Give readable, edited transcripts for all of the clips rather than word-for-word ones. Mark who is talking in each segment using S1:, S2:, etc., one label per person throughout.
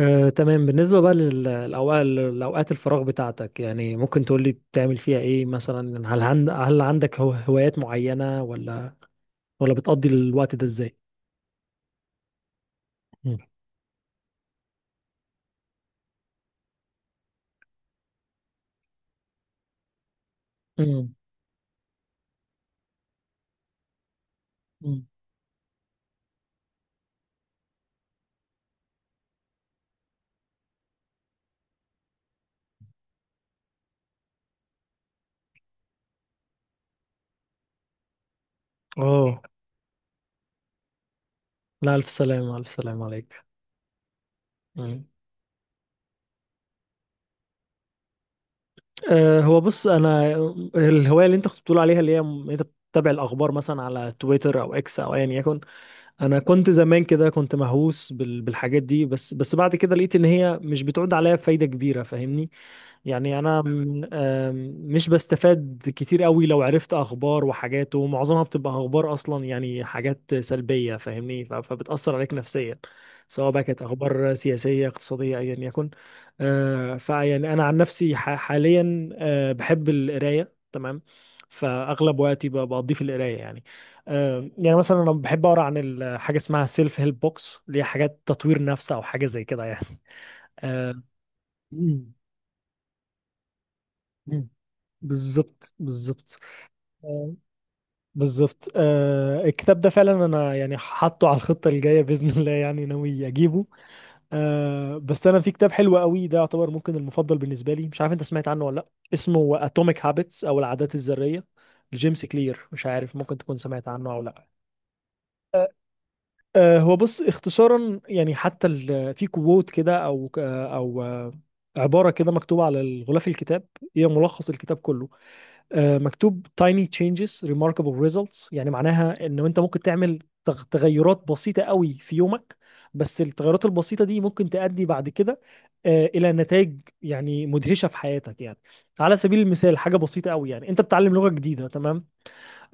S1: تمام. بالنسبة بقى لأوقات الفراغ بتاعتك، يعني ممكن تقولي بتعمل فيها إيه؟ مثلا هل عندك هوايات معينة، ولا بتقضي الوقت ده إزاي؟ مم. مم. مم. أوه، لا، ألف سلامة، ألف سلامة عليك. مم. هو بص، أنا الهواية اللي أنت كنت بتقول عليها، اللي هي أنت بتتابع الأخبار مثلا على تويتر أو إكس أو أيا يكن. أنا كنت زمان كده، كنت مهووس بالحاجات دي، بس بعد كده لقيت إن هي مش بتعود عليا فايدة كبيرة، فاهمني؟ يعني انا م- آم، مش بستفاد كتير قوي لو عرفت اخبار وحاجات، ومعظمها بتبقى اخبار اصلا يعني حاجات سلبية، فاهمني؟ فبتأثر عليك نفسيا، سواء بقى كانت اخبار سياسية اقتصادية ايا يكن. فيعني انا عن نفسي حاليا، بحب القراية. تمام، فاغلب وقتي بقضيه في القرايه يعني. يعني مثلا انا بحب اقرا عن حاجه اسمها سيلف هيلب بوكس، اللي هي حاجات تطوير نفس او حاجه زي كده يعني. آه، مم. بالظبط، بالظبط. آه، بالظبط. آه، الكتاب ده فعلا، انا يعني حاطه على الخطه الجايه باذن الله، يعني ناوي اجيبه. آه بس انا في كتاب حلو قوي، ده يعتبر ممكن المفضل بالنسبه لي. مش عارف انت سمعت عنه ولا لا؟ اسمه اتوميك هابتس او العادات الذريه، لجيمس كلير. مش عارف ممكن تكون سمعت عنه او لا. آه هو بص، اختصارا يعني، حتى في كوت كده، او عباره كده مكتوبه على الغلاف الكتاب، هي ملخص الكتاب كله. مكتوب tiny changes remarkable results، يعني معناها ان انت ممكن تعمل تغيرات بسيطة قوي في يومك، بس التغيرات البسيطة دي ممكن تؤدي بعد كده الى نتائج يعني مدهشة في حياتك يعني. على سبيل المثال، حاجة بسيطة قوي يعني، انت بتتعلم لغة جديدة تمام،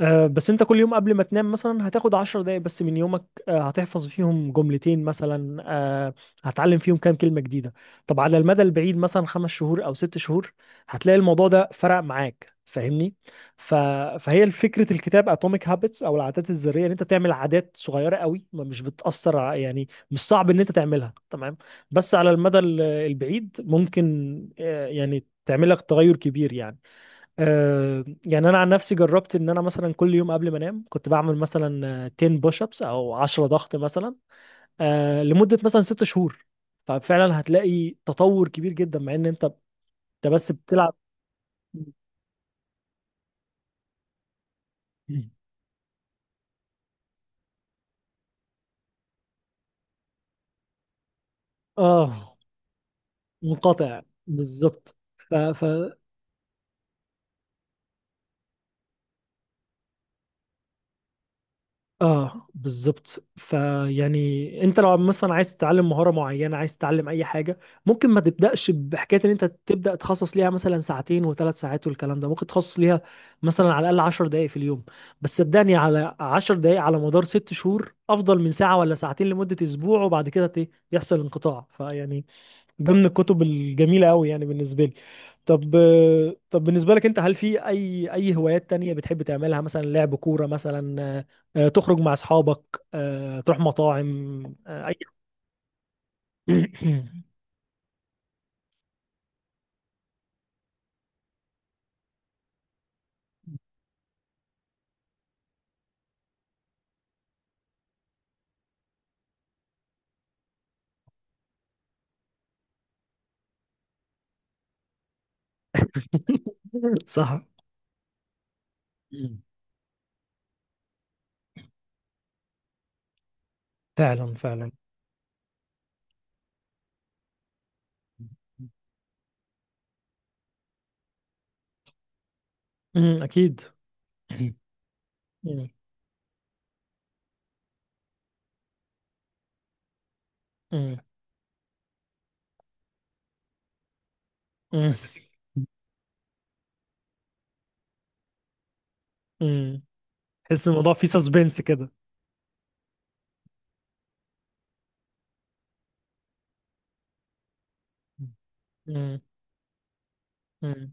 S1: بس انت كل يوم قبل ما تنام مثلا هتاخد 10 دقايق بس من يومك، هتحفظ فيهم جملتين مثلا، هتعلم فيهم كام كلمة جديدة. طب على المدى البعيد، مثلا 5 شهور او 6 شهور، هتلاقي الموضوع ده فرق معاك، فاهمني؟ ف... فهي فكرة الكتاب اتوميك هابتس او العادات الذرية، ان انت تعمل عادات صغيرة قوي، ما مش بتأثر يعني مش صعب ان انت تعملها تمام، بس على المدى البعيد ممكن يعني تعمل لك تغير كبير يعني. يعني انا عن نفسي، جربت ان انا مثلا كل يوم قبل ما انام كنت بعمل مثلا 10 بوش ابس او 10 ضغط مثلا، لمده مثلا 6 شهور، ففعلا هتلاقي تطور كبير جدا، مع ان انت بس بتلعب. اه، منقطع. بالظبط. ف... ف... اه، بالظبط. فيعني انت لو مثلا عايز تتعلم مهاره معينه، عايز تتعلم اي حاجه، ممكن ما تبداش بحكايه ان انت تبدا تخصص ليها مثلا ساعتين وثلاث ساعات والكلام ده، ممكن تخصص ليها مثلا على الاقل 10 دقائق في اليوم. بس صدقني، على 10 دقائق على مدار 6 شهور افضل من ساعه ولا ساعتين لمده اسبوع، وبعد كده يحصل انقطاع، فيعني ده من الكتب الجميلة أوي يعني بالنسبة لي. طب طب بالنسبة لك أنت، هل في أي هوايات تانية بتحب تعملها؟ مثلا لعب كورة مثلا، تخرج مع أصحابك، تروح مطاعم، أي صح. فعلا، فعلا. أمم، أكيد. أمم. أمم. أمم. أمم. تحس الموضوع فيه سسبنس كده. أمم. أمم.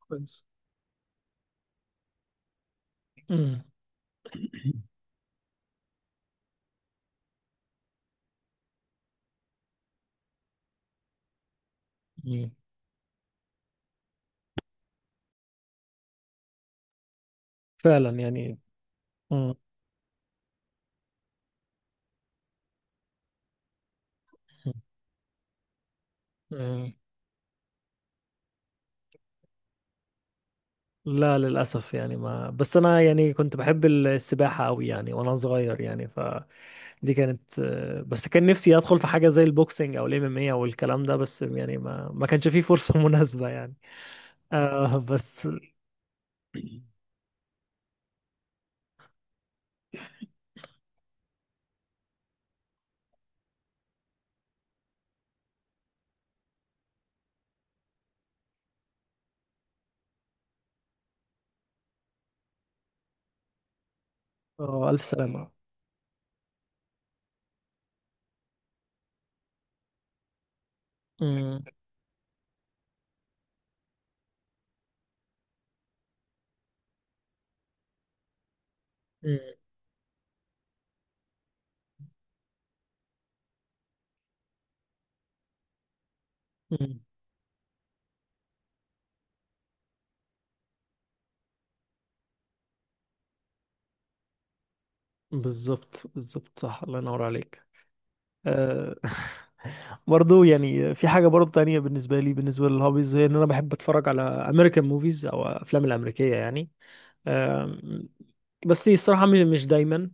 S1: كويس. أمم. أمم. فعلا يعني. أمم. أمم. لا، للأسف يعني. ما بس أنا يعني كنت بحب السباحة أوي يعني، وأنا صغير يعني فدي كانت، بس كان نفسي أدخل في حاجة زي البوكسينج أو الام ام اي أو الكلام ده، بس يعني ما كانش فيه فرصة مناسبة يعني. آه بس. آه، ألف سلامة. أمم. أمم. أمم. بالظبط، بالظبط. صح، الله ينور عليك. آه برضو يعني في حاجة برضو تانية بالنسبة لي، بالنسبة للهوبيز، هي إن أنا بحب أتفرج على أمريكان موفيز أو أفلام الأمريكية يعني. آم، بس الصراحة مش دايما،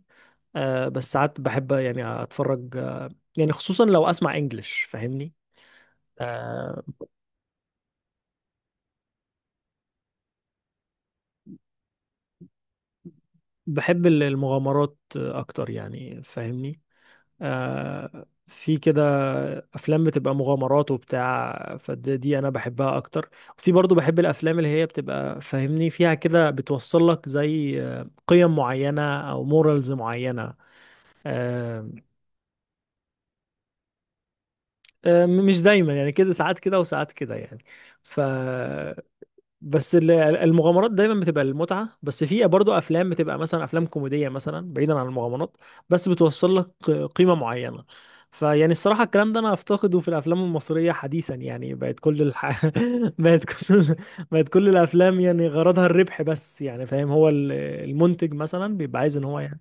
S1: بس ساعات بحب يعني أتفرج، يعني خصوصا لو أسمع إنجلش، فاهمني؟ آه، بحب المغامرات أكتر يعني، فاهمني؟ في كده أفلام بتبقى مغامرات وبتاع فدي، أنا بحبها أكتر. وفي برضو بحب الأفلام اللي هي بتبقى فاهمني فيها كده، بتوصل لك زي قيم معينة أو مورالز معينة. آه، مش دايما يعني، كده ساعات كده وساعات كده يعني. ف بس المغامرات دايما بتبقى المتعة، بس في برضه افلام بتبقى مثلا افلام كوميدية مثلا بعيدا عن المغامرات، بس بتوصل لك قيمة معينة. فيعني الصراحة الكلام ده انا افتقده في الافلام المصرية حديثا يعني، بقت كل بقت كل الافلام يعني غرضها الربح بس يعني، فاهم؟ هو المنتج مثلا بيبقى عايز ان هو يعني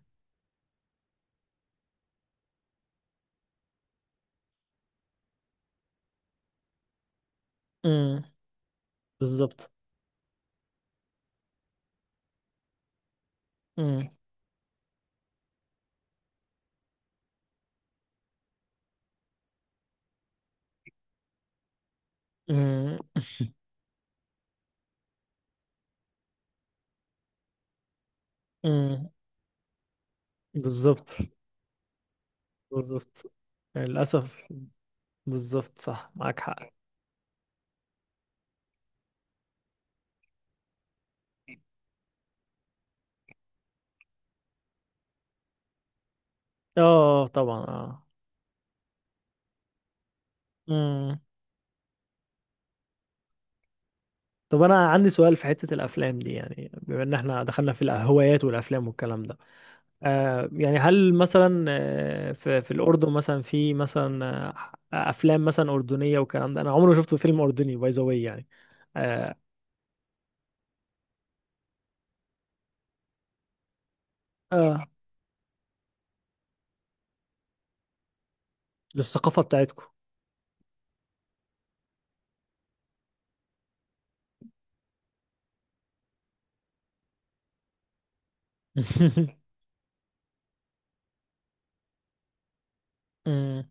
S1: امم. بالظبط. امم. امم. امم. بالظبط، بالظبط. للأسف. بالظبط. صح، معاك حق. اه طبعا اه. مم. طب أنا عندي سؤال في حتة الأفلام دي، يعني بما إن احنا دخلنا في الهوايات والأفلام والكلام ده. آه يعني هل مثلا آه في الأردن مثلا في مثلا آه أفلام مثلا أردنية والكلام ده؟ أنا عمري ما شفت فيلم أردني، باي ذا واي يعني. آه. آه، للثقافة بتاعتكم. مم.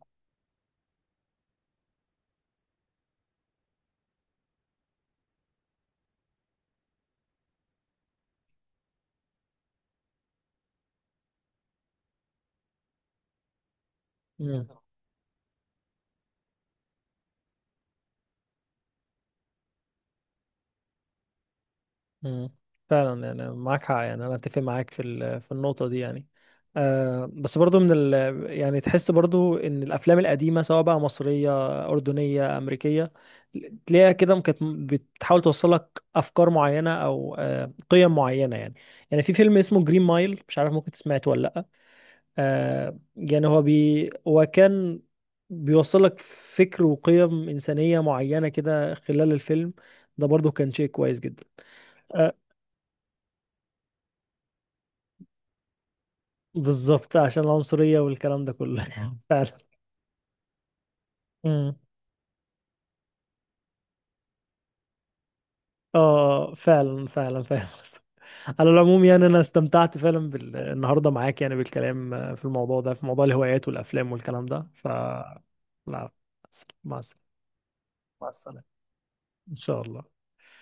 S1: مم. مم. فعلا يعني، معاك حق يعني، انا اتفق معاك في في النقطه دي يعني. آه بس برضو من ال يعني، تحس برضو ان الافلام القديمه، سواء بقى مصريه اردنيه امريكيه، تلاقيها كده كانت بتحاول توصل لك افكار معينه او آه قيم معينه يعني. يعني في فيلم اسمه جرين مايل، مش عارف ممكن سمعته ولا لا. آه يعني هو هو كان بيوصل لك فكر وقيم انسانيه معينه كده خلال الفيلم، ده برضو كان شيء كويس جدا. آه، بالظبط، عشان العنصرية والكلام ده كله. آه. فعلا. مم. اه فعلا، فعلا، فاهم قصدك. على العموم يعني، انا استمتعت فعلا النهارده معاك، يعني بالكلام في الموضوع ده، في موضوع الهوايات والافلام والكلام ده. لا، مع السلامة. مع السلامة. ان شاء الله.